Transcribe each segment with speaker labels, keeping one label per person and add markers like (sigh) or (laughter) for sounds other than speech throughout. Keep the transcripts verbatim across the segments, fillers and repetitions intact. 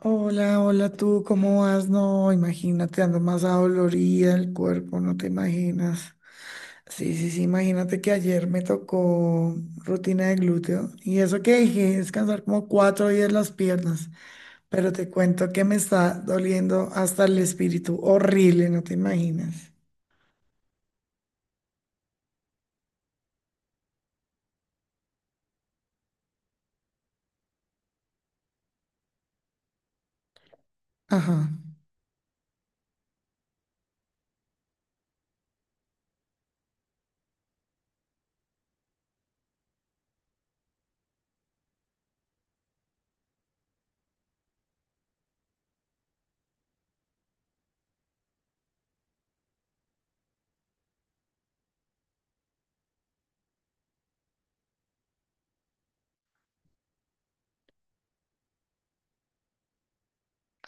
Speaker 1: Hola, hola tú, ¿cómo vas? No, imagínate, ando más adolorida el cuerpo, no te imaginas. Sí, sí, sí, imagínate que ayer me tocó rutina de glúteo y eso que dije, descansar como cuatro días las piernas, pero te cuento que me está doliendo hasta el espíritu, horrible, no te imaginas. Ajá,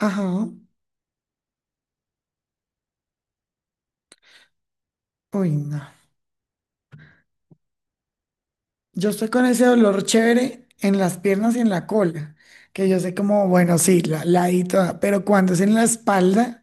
Speaker 1: ajá, uy, no. Yo estoy con ese dolor chévere en las piernas y en la cola, que yo sé como, bueno, sí, la, la ladito, toda. Pero cuando es en la espalda.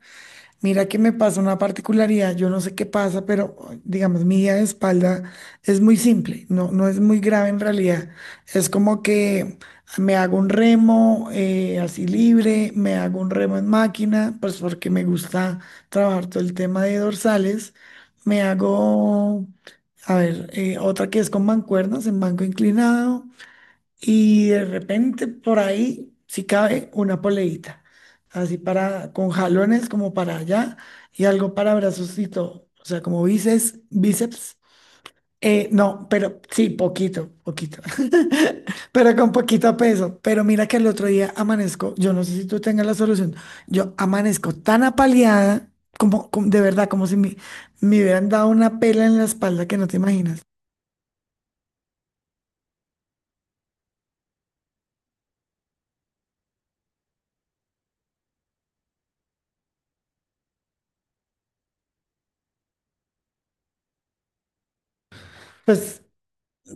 Speaker 1: Mira que me pasa una particularidad, yo no sé qué pasa, pero digamos, mi día de espalda es muy simple, no, no es muy grave en realidad. Es como que me hago un remo eh, así libre, me hago un remo en máquina, pues porque me gusta trabajar todo el tema de dorsales. Me hago, a ver, eh, otra que es con mancuernas en banco inclinado. Y de repente por ahí, si cabe, una poleita. Así para, con jalones como para allá y algo para brazos y todo. O sea, como bíceps, bíceps. Eh, no, pero sí, poquito, poquito. (laughs) Pero con poquito peso. Pero mira que el otro día amanezco, yo no sé si tú tengas la solución. Yo amanezco tan apaleada, como, como- de verdad, como si me, me hubieran dado una pela en la espalda que no te imaginas. Pues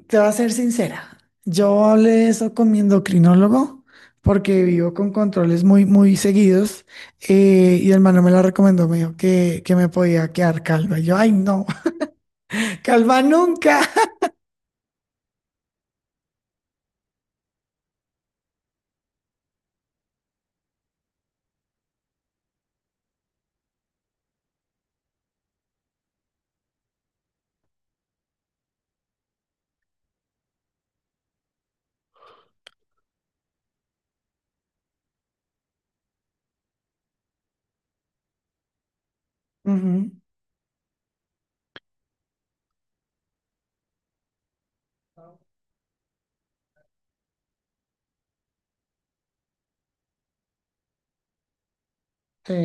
Speaker 1: te voy a ser sincera, yo hablé de eso con mi endocrinólogo porque vivo con controles muy, muy seguidos, eh, y el hermano me la recomendó, me dijo que, que me podía quedar calva. Y yo, ay, no, (laughs) calva nunca. Ujú, sí,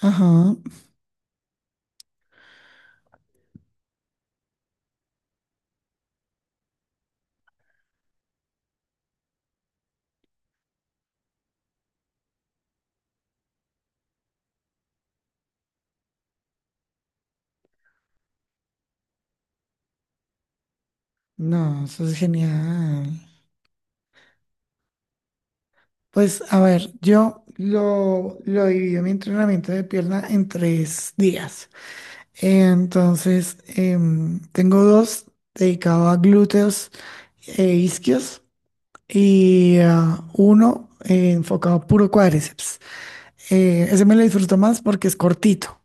Speaker 1: ajá, no, eso es genial. Pues a ver, yo lo, lo divido mi entrenamiento de pierna en tres días. Entonces, em, tengo dos dedicados a glúteos e isquios. Y ah, uno eh, enfocado puro cuádriceps. Eh, ese me lo disfruto más porque es cortito,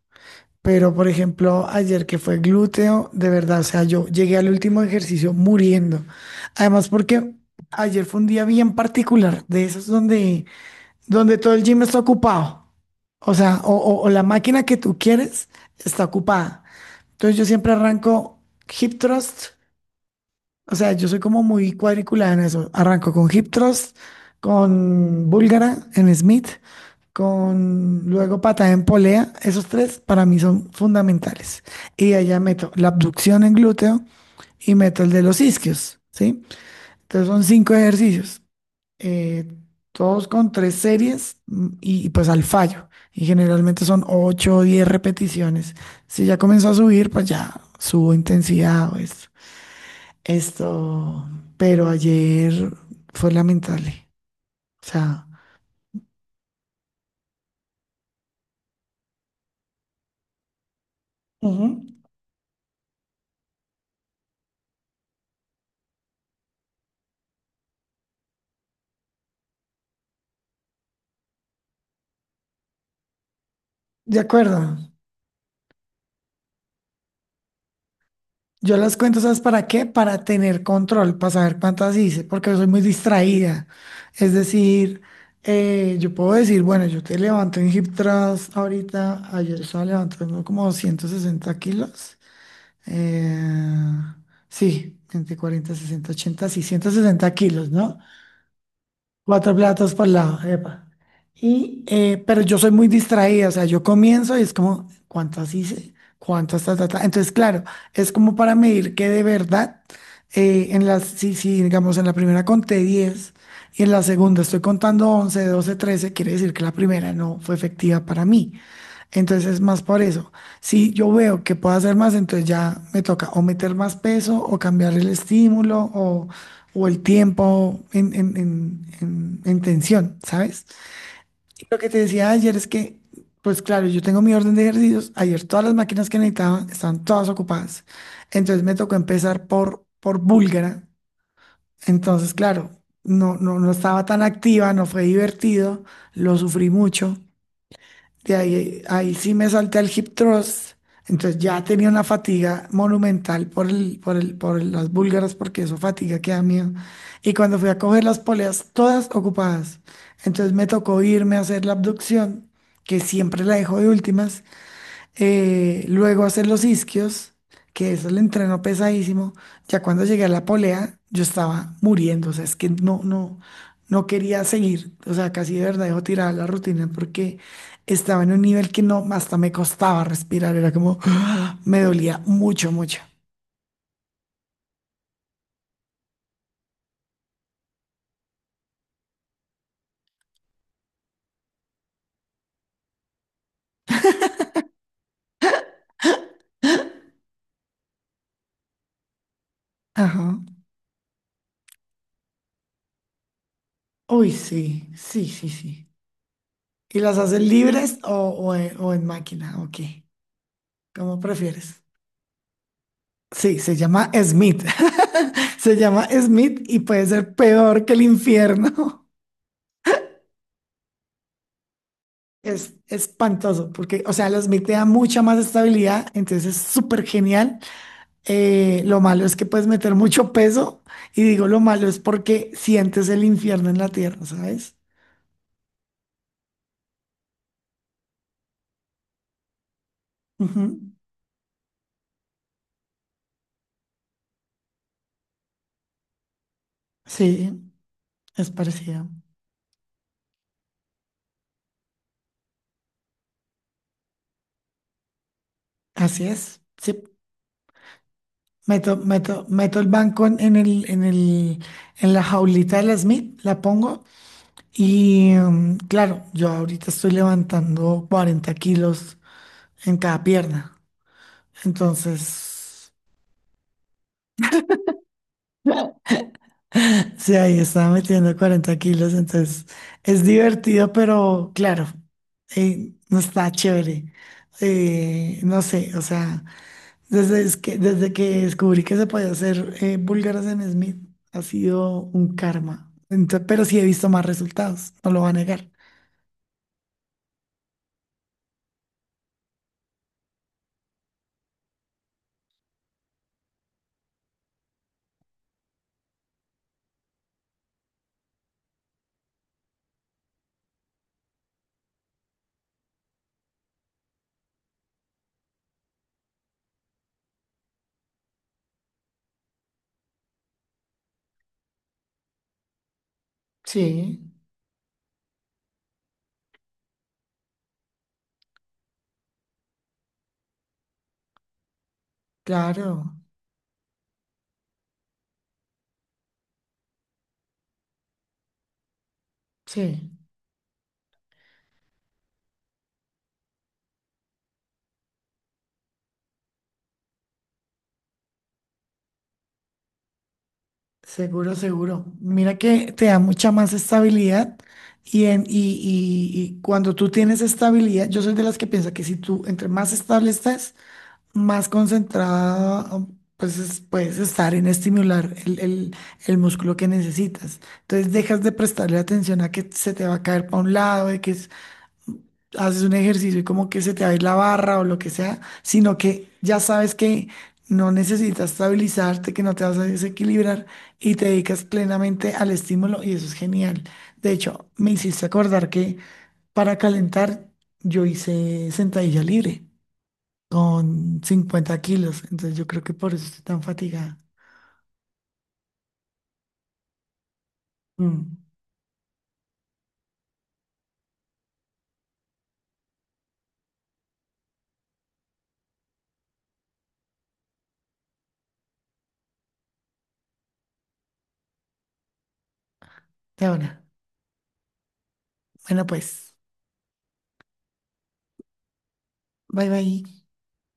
Speaker 1: pero por ejemplo, ayer que fue glúteo, de verdad, o sea, yo llegué al último ejercicio muriendo. Además, porque ayer fue un día bien particular, de esos donde, donde todo el gym está ocupado. O sea, o, o- o la máquina que tú quieres está ocupada. Entonces yo siempre arranco hip thrust, o sea, yo soy como muy cuadriculada en eso. Arranco con Hip Thrust, con Búlgara en Smith, con luego patada en polea. Esos tres para mí son fundamentales. Y allá meto la abducción en glúteo y meto el de los isquios, ¿sí? Entonces son cinco ejercicios, eh, todos con tres series, mm, y, y pues al fallo. Y generalmente son ocho o diez repeticiones. Si ya comenzó a subir, pues ya subo intensidad o eso. Esto, pero ayer fue lamentable. O sea. Ujú. De acuerdo. Yo las cuento, ¿sabes para qué? Para tener control, para saber cuántas hice, porque yo soy muy distraída. Es decir, eh, yo puedo decir, bueno, yo te levanto en hip thrust ahorita, ayer estaba levantando como doscientos sesenta kilos. Eh, sí, entre cuarenta, sesenta, ochenta, sí, ciento sesenta kilos, ¿no? Cuatro platos por lado, epa. Y, eh, pero yo soy muy distraída, o sea, yo comienzo y es como, ¿cuántas hice? ¿Cuántas? ¿Ta, ta, ta? Entonces, claro, es como para medir que de verdad, eh, en las, si, si, digamos, en la primera conté diez y en la segunda estoy contando once, doce, trece, quiere decir que la primera no fue efectiva para mí. Entonces es más por eso. Si yo veo que puedo hacer más, entonces ya me toca o meter más peso o cambiar el estímulo o, o el tiempo en, en, en, en- en tensión, ¿sabes? Y lo que te decía ayer es que, pues claro, yo tengo mi orden de ejercicios. Ayer todas las máquinas que necesitaba estaban todas ocupadas. Entonces me tocó empezar por, por búlgara. Entonces, claro, no, no, no estaba tan activa, no fue divertido, lo sufrí mucho. De ahí, ahí sí me salté al hip thrust. Entonces ya tenía una fatiga monumental por el, por el, por el- las búlgaras, porque eso fatiga que da miedo. Y cuando fui a coger las poleas, todas ocupadas. Entonces me tocó irme a hacer la abducción, que siempre la dejo de últimas, eh, luego hacer los isquios, que eso el entreno pesadísimo. Ya cuando llegué a la polea, yo estaba muriendo, o sea, es que no, no, no quería seguir, o sea, casi de verdad dejo tirada la rutina porque estaba en un nivel que no, hasta me costaba respirar, era como, (gasps) me dolía mucho, mucho. Ajá. Uy, sí, sí, sí, sí. ¿Y las haces libres o, o en, o en máquina? Ok, ¿cómo prefieres? Sí, se llama Smith. (laughs) Se llama Smith y puede ser peor que el infierno. (laughs) Es espantoso porque, o sea, los Smith te da mucha más estabilidad, entonces es súper genial. Eh, lo malo es que puedes meter mucho peso y digo lo malo es porque sientes el infierno en la tierra, ¿sabes? Ujú. Sí, es parecido. Así es. Sí, meto, meto, meto el banco en en el, en el, en la jaulita de la Smith, la pongo. Y mm, claro, yo ahorita estoy levantando cuarenta kilos en cada pierna. Entonces, (laughs) sí, ahí estaba metiendo cuarenta kilos. Entonces, es divertido, pero claro, eh, no está chévere. Eh, no sé, o sea, desde es que, desde que descubrí que se podía hacer eh, búlgaras en Smith, ha sido un karma. Entonces, pero sí he visto más resultados, no lo voy a negar. Sí, claro, sí. Seguro, seguro. Mira que te da mucha más estabilidad y, en, y, y- y cuando tú tienes estabilidad, yo soy de las que piensa que si tú entre más estable estás, más concentrada, um, pues es- puedes estar en estimular el, el- el músculo que necesitas. Entonces dejas de prestarle atención a que se te va a caer para un lado, de que haces un ejercicio y como que se te va a ir la barra o lo que sea, sino que ya sabes que no necesitas estabilizarte, que no te vas a desequilibrar y te dedicas plenamente al estímulo y eso es genial. De hecho, me hiciste acordar que para calentar yo hice sentadilla libre con cincuenta kilos, entonces yo creo que por eso estoy tan fatigada. Mm. De ahora. Bueno, pues, bye bye.